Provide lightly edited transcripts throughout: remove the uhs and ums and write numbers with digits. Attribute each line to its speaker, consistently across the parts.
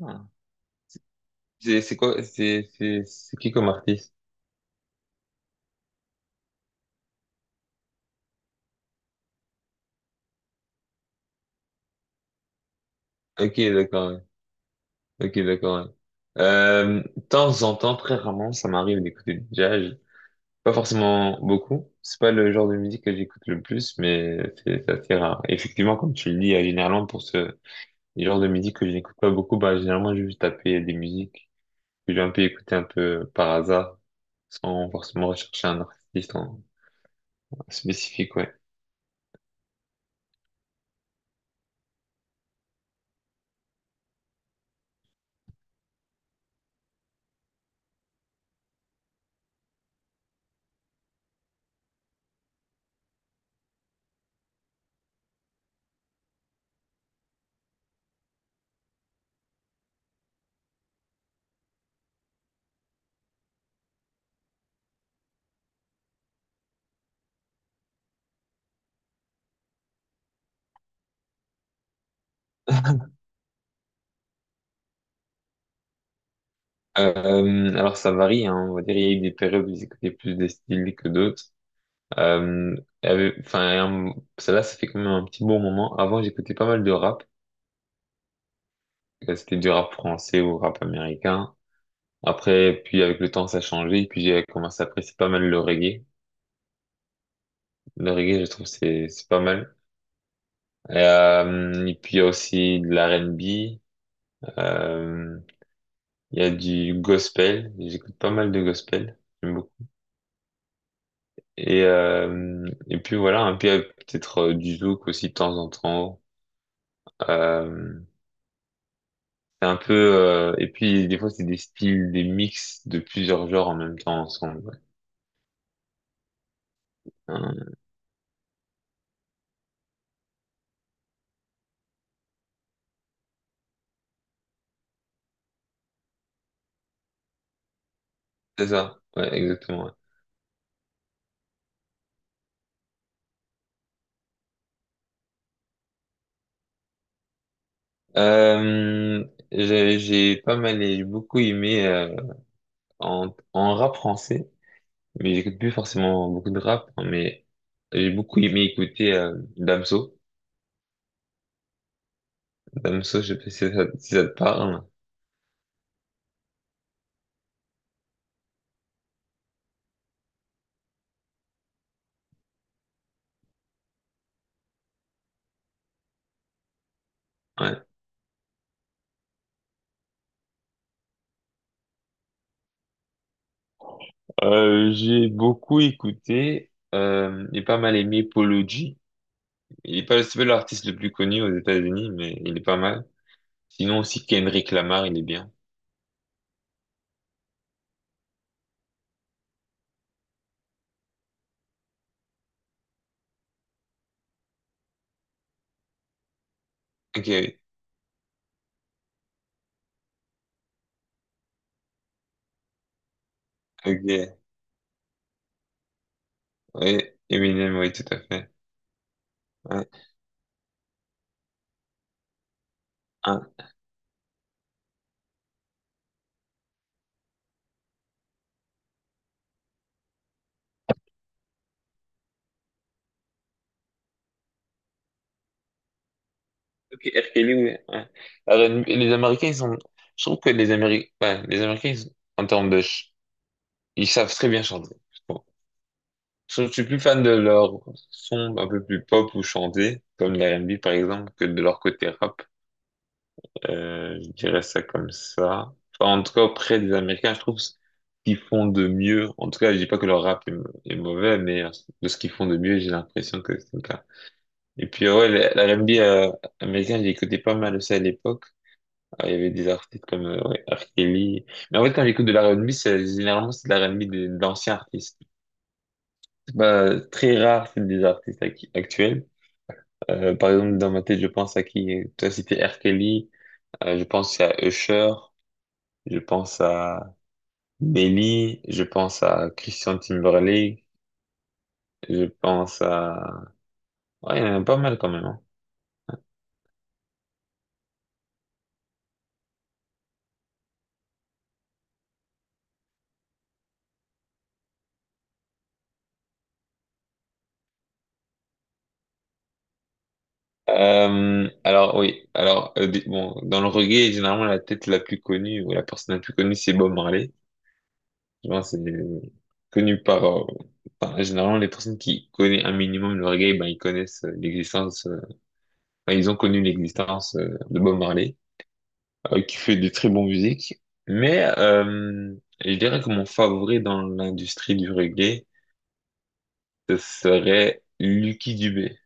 Speaker 1: Ah. C'est quoi? C'est qui comme artiste? Ok, d'accord. Ouais. Ok, d'accord. Ouais. De temps en temps, très rarement, ça m'arrive d'écouter du jazz. Pas forcément beaucoup. C'est pas le genre de musique que j'écoute le plus, mais c'est assez rare. Effectivement, comme tu le dis, généralement pour ce les genres de musique que je n'écoute pas beaucoup, bah généralement je vais juste taper des musiques que j'ai un peu écoutées un peu par hasard, sans forcément rechercher un artiste en spécifique, ouais. Alors ça varie, hein, on va dire il y a eu des périodes où ils écoutaient plus des styles que d'autres. Euh, enfin, un- celle-là, ça fait quand même un petit bon moment. Avant, j'écoutais pas mal de rap. C'était du rap français ou rap américain. Après, puis avec le temps, ça a changé. Puis j'ai commencé à apprécier pas mal le reggae. Le reggae, je trouve, c'est pas mal. Et puis il y a aussi de l'R&B. Euh, il y a du gospel. J'écoute pas mal de gospel. J'aime beaucoup. Et puis voilà, un peu peut-être du zouk aussi de temps en temps. Euh, c'est un peu et puis des fois c'est des styles, des mix de plusieurs genres en même temps ensemble. Ouais. Hein, c'est ça, ouais, exactement. Ouais. Euh, j'ai pas mal, et j'ai beaucoup aimé en rap français, mais j'écoute plus forcément beaucoup de rap, hein, mais j'ai beaucoup aimé écouter Damso. Damso, je sais pas si ça te parle. Ouais. J'ai beaucoup écouté et pas mal aimé Polo G. Il est pas, c'est pas l'artiste le plus connu aux États-Unis, mais il est pas mal. Sinon aussi Kendrick Lamar, il est bien. Ok, ok, ouais, Eminem, oui, tout à fait. Ouais. Ah, ok, R. Kelly, oui. Ouais. Alors, les Américains, ils sont, je trouve que les Américains, ouais, les Américains, en termes de, ils savent très bien chanter, je trouve. Je suis plus fan de leur son un peu plus pop ou chanté, comme l'R&B par exemple, que de leur côté rap. Je dirais ça comme ça. Enfin, en tout cas, auprès des Américains, je trouve ce qu'ils font de mieux. En tout cas, je dis pas que leur rap est mauvais, mais de ce qu'ils font de mieux, j'ai l'impression que c'est le cas. Et puis, ouais, la R&B américain, j'ai écouté pas mal aussi à l'époque. Ah, il y avait des artistes comme ouais, R. Kelly. Mais en fait, quand j'écoute de la R&B, c'est généralement c'est de la R&B d'anciens artistes. C'est pas très rare, c'est des artistes actuels. Par exemple, dans ma tête, je pense à qui? Toi, c'était R. Kelly. Je pense à Usher. Je pense à Nelly, je pense à Christian Timberlake, je pense à... Ouais, il y en a pas mal quand même. Hein. Alors oui, alors bon, dans le reggae, généralement la tête la plus connue ou la personne la plus connue, c'est Bob Marley. Je pense que c'est connu par, généralement les personnes qui connaissent un minimum le reggae, ben ils connaissent l'existence, ben, ils ont connu l'existence de Bob Marley. Qui fait des très bonnes musiques. Mais je dirais que mon favori dans l'industrie du reggae, ce serait Lucky Dubé,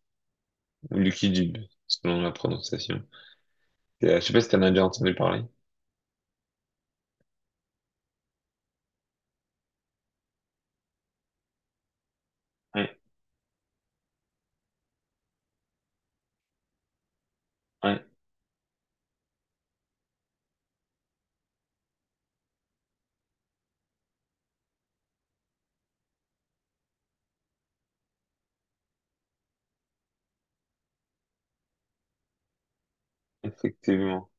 Speaker 1: ou Lucky Dube, selon la prononciation. Je sais pas si t'en as déjà entendu parler. Ouais, ouais, effectivement.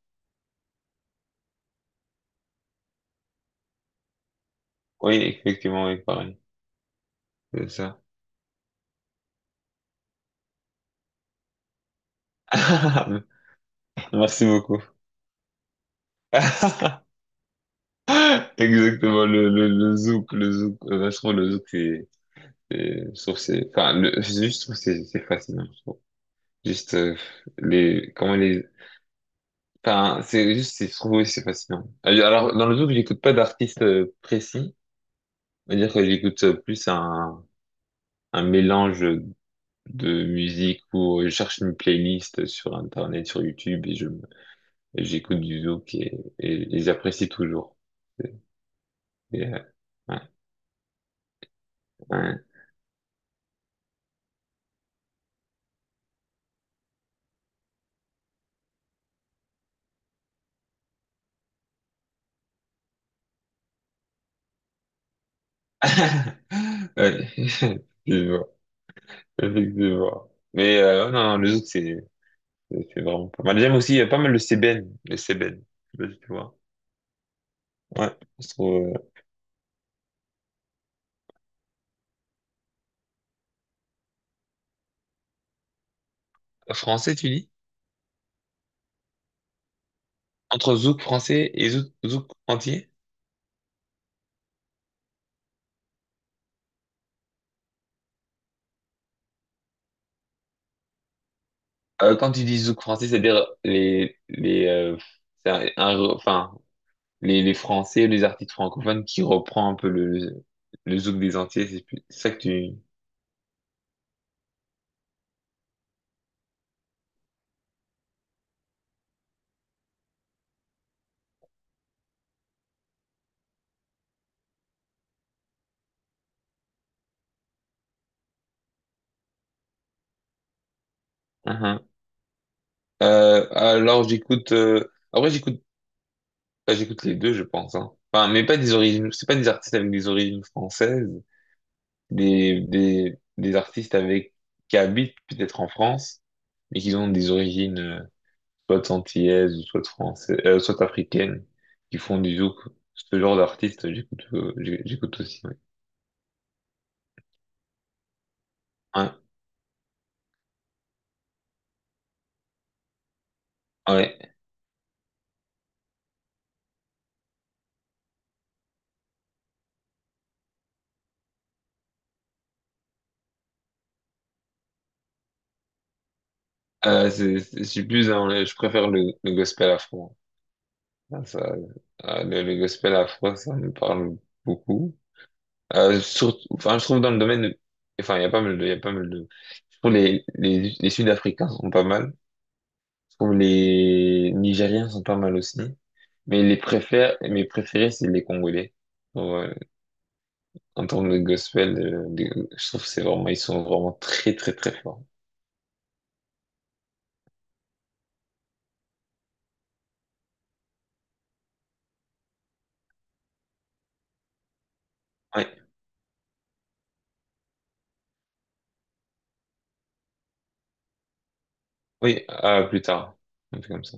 Speaker 1: Oui, effectivement, oui, pareil. C'est ça. Merci beaucoup. Exactement, le zouk, le zouk. Je trouve le zouk, je trouve c'est, enfin, je juste trouve que c'est fascinant, je trouve. Juste, les, comment les, enfin, c'est juste, je trouve aussi c'est fascinant. Alors, dans le zouk, j'écoute pas d'artiste précis. C'est à dire que j'écoute plus un mélange de musique où je cherche une playlist sur Internet, sur YouTube et et j'écoute du zouk et j'apprécie toujours. Et, euh, ouais, ouais. Ouais, effectivement, effectivement. Mais ouais, non, non, le zouk, c'est vraiment pas mal. J'aime aussi, il y a pas mal le sébène, le sébène. Je sais pas si tu vois. Ouais, je trouve, français, tu dis? Entre zouk français et zouk entier? Quand tu dis zouk français, c'est-à-dire c'est un enfin, les Français, les artistes francophones qui reprend un peu le zouk des entiers, c'est ça que tu... Mhm. Alors j'écoute... Après j'écoute les deux, je pense. Hein. Enfin, mais pas des origines... C'est pas des artistes avec des origines françaises, des artistes avec qui habitent peut-être en France, mais qui ont des origines... soit antillaise, ou soit française, soit africaine, qui font du zouk. Ce genre d'artiste, j'écoute, j'écoute aussi, ouais. Ouais, ouais. Je suis plus je préfère le gospel afro. Ça, ça, le gospel afro, ça me parle beaucoup. Enfin, je trouve dans le domaine, enfin, il y a pas mal de, je trouve les Sud-Africains sont pas mal. Je trouve les Nigériens sont pas mal aussi. Mais mes préférés, c'est les Congolais. Ouais, en termes de gospel, je trouve que c'est vraiment, ils sont vraiment très très très forts. Ouais. Oui, à plus tard. Un peu comme ça.